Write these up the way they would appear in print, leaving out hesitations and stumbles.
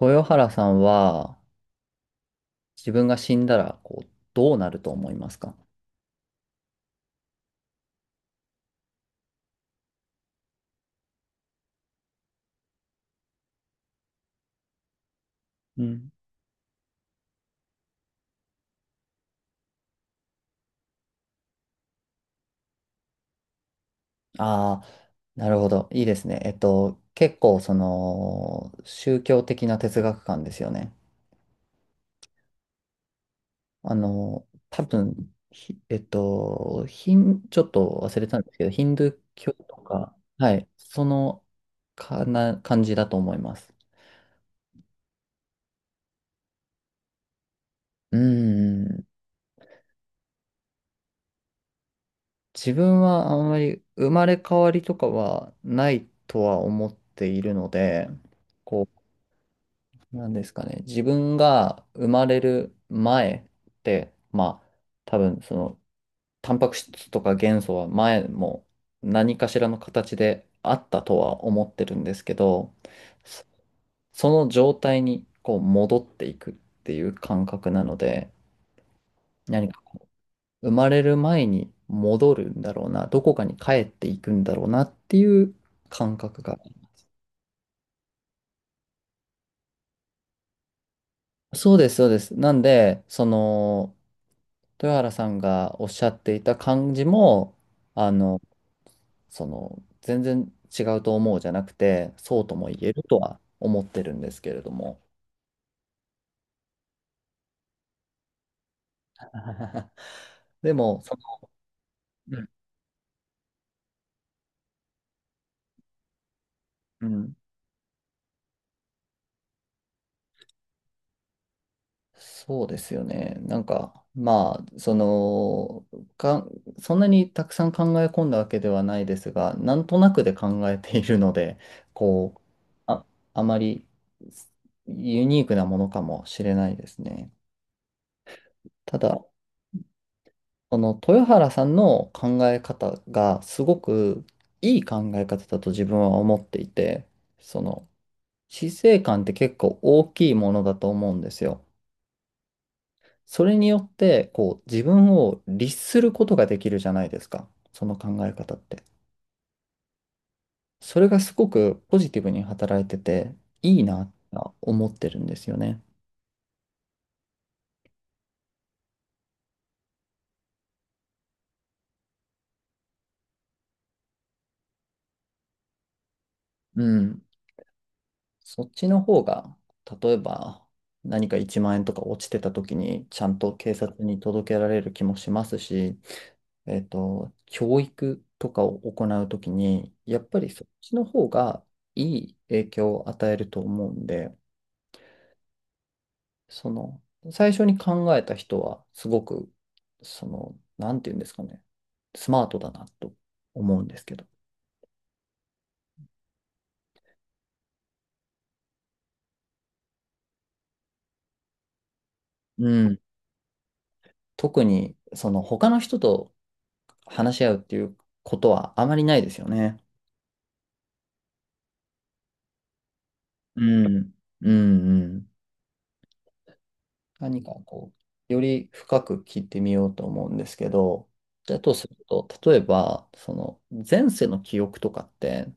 豊原さんは自分が死んだらどうなると思いますか？うん。ああ、なるほど。いいですね。結構その宗教的な哲学観ですよね。あの、多分、ひえっと、ヒン、ちょっと忘れたんですけど、ヒンドゥー教とか、はい、そのかな感じだと思います。うーん。自分はあんまり生まれ変わりとかはないとは思っているので、こなんですかね。自分が生まれる前って、まあ、多分その、タンパク質とか元素は前も何かしらの形であったとは思ってるんですけど、そその状態にこう戻っていくっていう感覚なので、何か生まれる前に戻るんだろうな、どこかに帰っていくんだろうなっていう感覚が。そうです、そうです。なんで、その、豊原さんがおっしゃっていた感じも、あの、その、全然違うと思うじゃなくて、そうとも言えるとは思ってるんですけれども。でも、その、うん、うん、そうですよね。なんか、まあ、その、か、そんなにたくさん考え込んだわけではないですが、なんとなくで考えているので、こう、あ、あまりユニークなものかもしれないですね。ただ、その豊原さんの考え方がすごくいい考え方だと自分は思っていて、その死生観って結構大きいものだと思うんですよ。それによってこう自分を律することができるじゃないですか。その考え方って。それがすごくポジティブに働いてていいなって思ってるんですよね。うん。そっちの方が、例えば何か1万円とか落ちてた時に、ちゃんと警察に届けられる気もしますし、教育とかを行うときに、やっぱりそっちの方がいい影響を与えると思うんで、その、最初に考えた人は、すごく、その、なんていうんですかね、スマートだなと思うんですけど。うん。特に、その、他の人と話し合うっていうことはあまりないですよね。うん、うん、うん。何かこう、より深く聞いてみようと思うんですけど、だとすると、例えば、その前世の記憶とかって、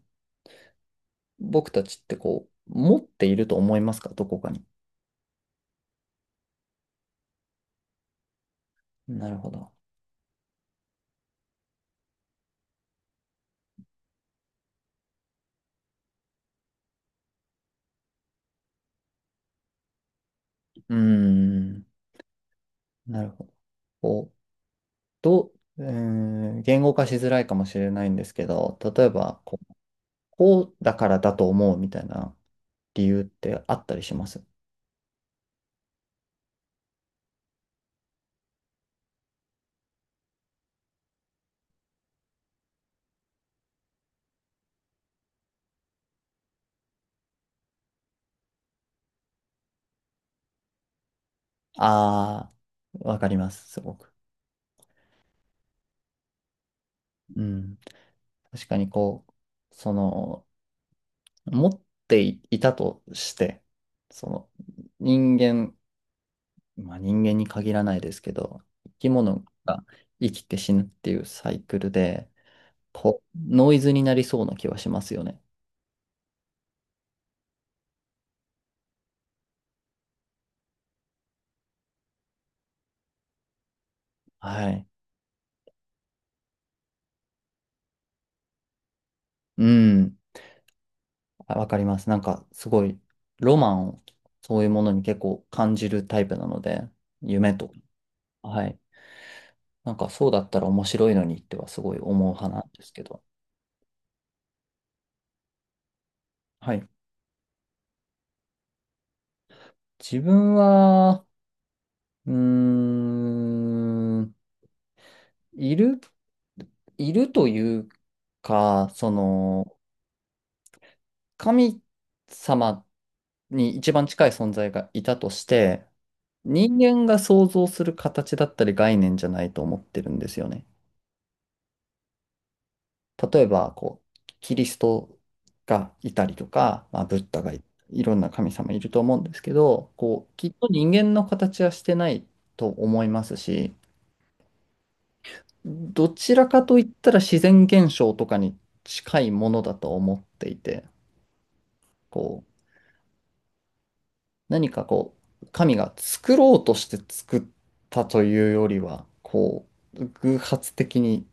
僕たちってこう、持っていると思いますか？どこかに。なるほど。うーん、なるほど。こう、どう、うーん、言語化しづらいかもしれないんですけど、例えばこう、こうだからだと思うみたいな理由ってあったりします？ああー、わかります、すごく。うん、確かにこう、その、持っていたとして、その、人間、まあ人間に限らないですけど、生き物が生きて死ぬっていうサイクルで、こう、ノイズになりそうな気はしますよね。はい。うん。あ、わかります。なんか、すごい、ロマンを、そういうものに結構感じるタイプなので、夢と。はい。なんか、そうだったら面白いのにってはすごい思う派なんですけど。はい。自分は、うーん、いる、いるというか、その、神様に一番近い存在がいたとして、人間が想像する形だったり概念じゃないと思ってるんですよね。例えば、こう、キリストがいたりとか、まあ、ブッダがい、いろんな神様いると思うんですけど、こう、きっと人間の形はしてないと思いますし、どちらかといったら自然現象とかに近いものだと思っていて、こう、何かこう、神が作ろうとして作ったというよりは、こう、偶発的に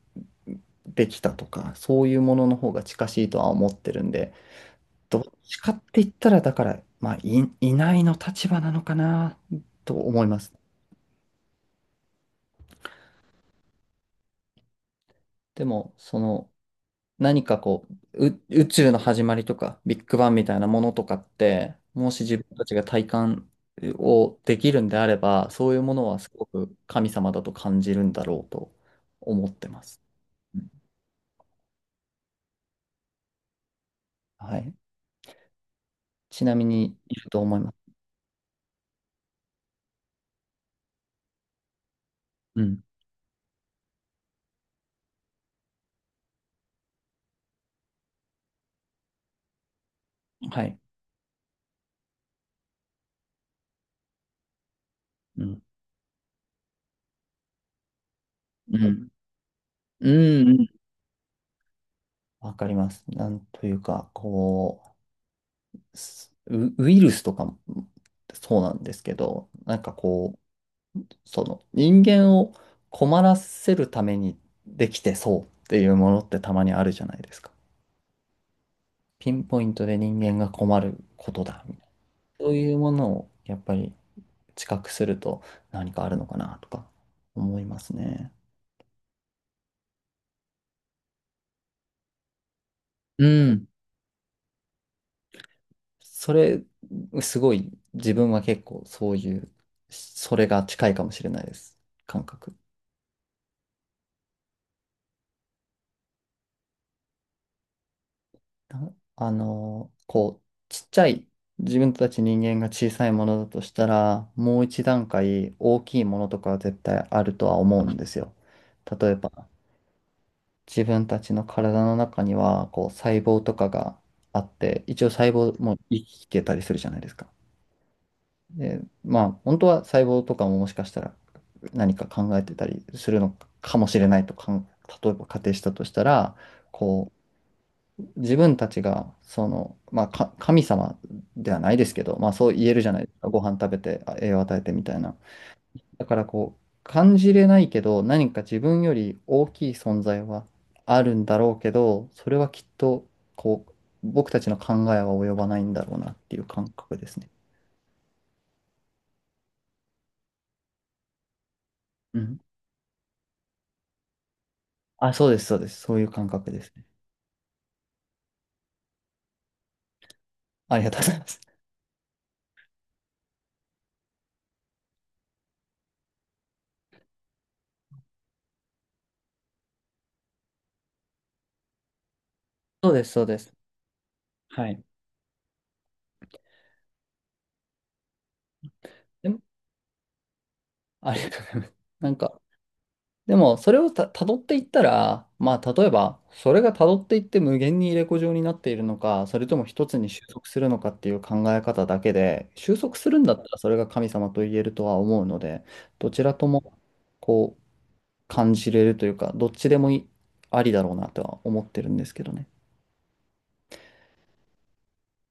できたとか、そういうものの方が近しいとは思ってるんで、どっちかって言ったら、だから、まあ、いないの立場なのかな、と思います。でも、その、何かこう、宇宙の始まりとか、ビッグバンみたいなものとかって、もし自分たちが体感をできるんであれば、そういうものはすごく神様だと感じるんだろうと思ってます。うん、はい。ちなみに、いると思います。うん。はい。うん。うん。うん。うん、わかります。なんというか、こう、ウイルスとかもそうなんですけど、なんかこう、その人間を困らせるためにできてそうっていうものってたまにあるじゃないですか。ピンポイントで人間が困ることだみたいな。そういうものをやっぱり知覚すると何かあるのかなとか思いますね。うん。それ、すごい自分は結構そういう、それが近いかもしれないです。感覚。なあの、こう、ちっちゃい、自分たち人間が小さいものだとしたら、もう一段階大きいものとかは絶対あるとは思うんですよ。例えば、自分たちの体の中には、こう、細胞とかがあって、一応細胞も生きてたりするじゃないですか。で、まあ、本当は細胞とかももしかしたら何か考えてたりするのかもしれないとか例えば仮定したとしたら、こう、自分たちが、その、まあ、神様ではないですけど、まあ、そう言えるじゃないですか。ご飯食べて、あ栄養与えてみたいな。だから、こう、感じれないけど、何か自分より大きい存在はあるんだろうけど、それはきっと、こう、僕たちの考えは及ばないんだろうなっていう感覚ですね。うん。あ、そうです、そうです。そういう感覚ですね。ありがとうございます。そうです、そうです。はい。でも、ありがとうございます。なんか、でも、それを辿っていったら、まあ、例えば、それが辿っていって無限に入れ子状になっているのか、それとも一つに収束するのかっていう考え方だけで、収束するんだったらそれが神様と言えるとは思うので、どちらとも、こう、感じれるというか、どっちでもいいありだろうなとは思ってるんですけどね。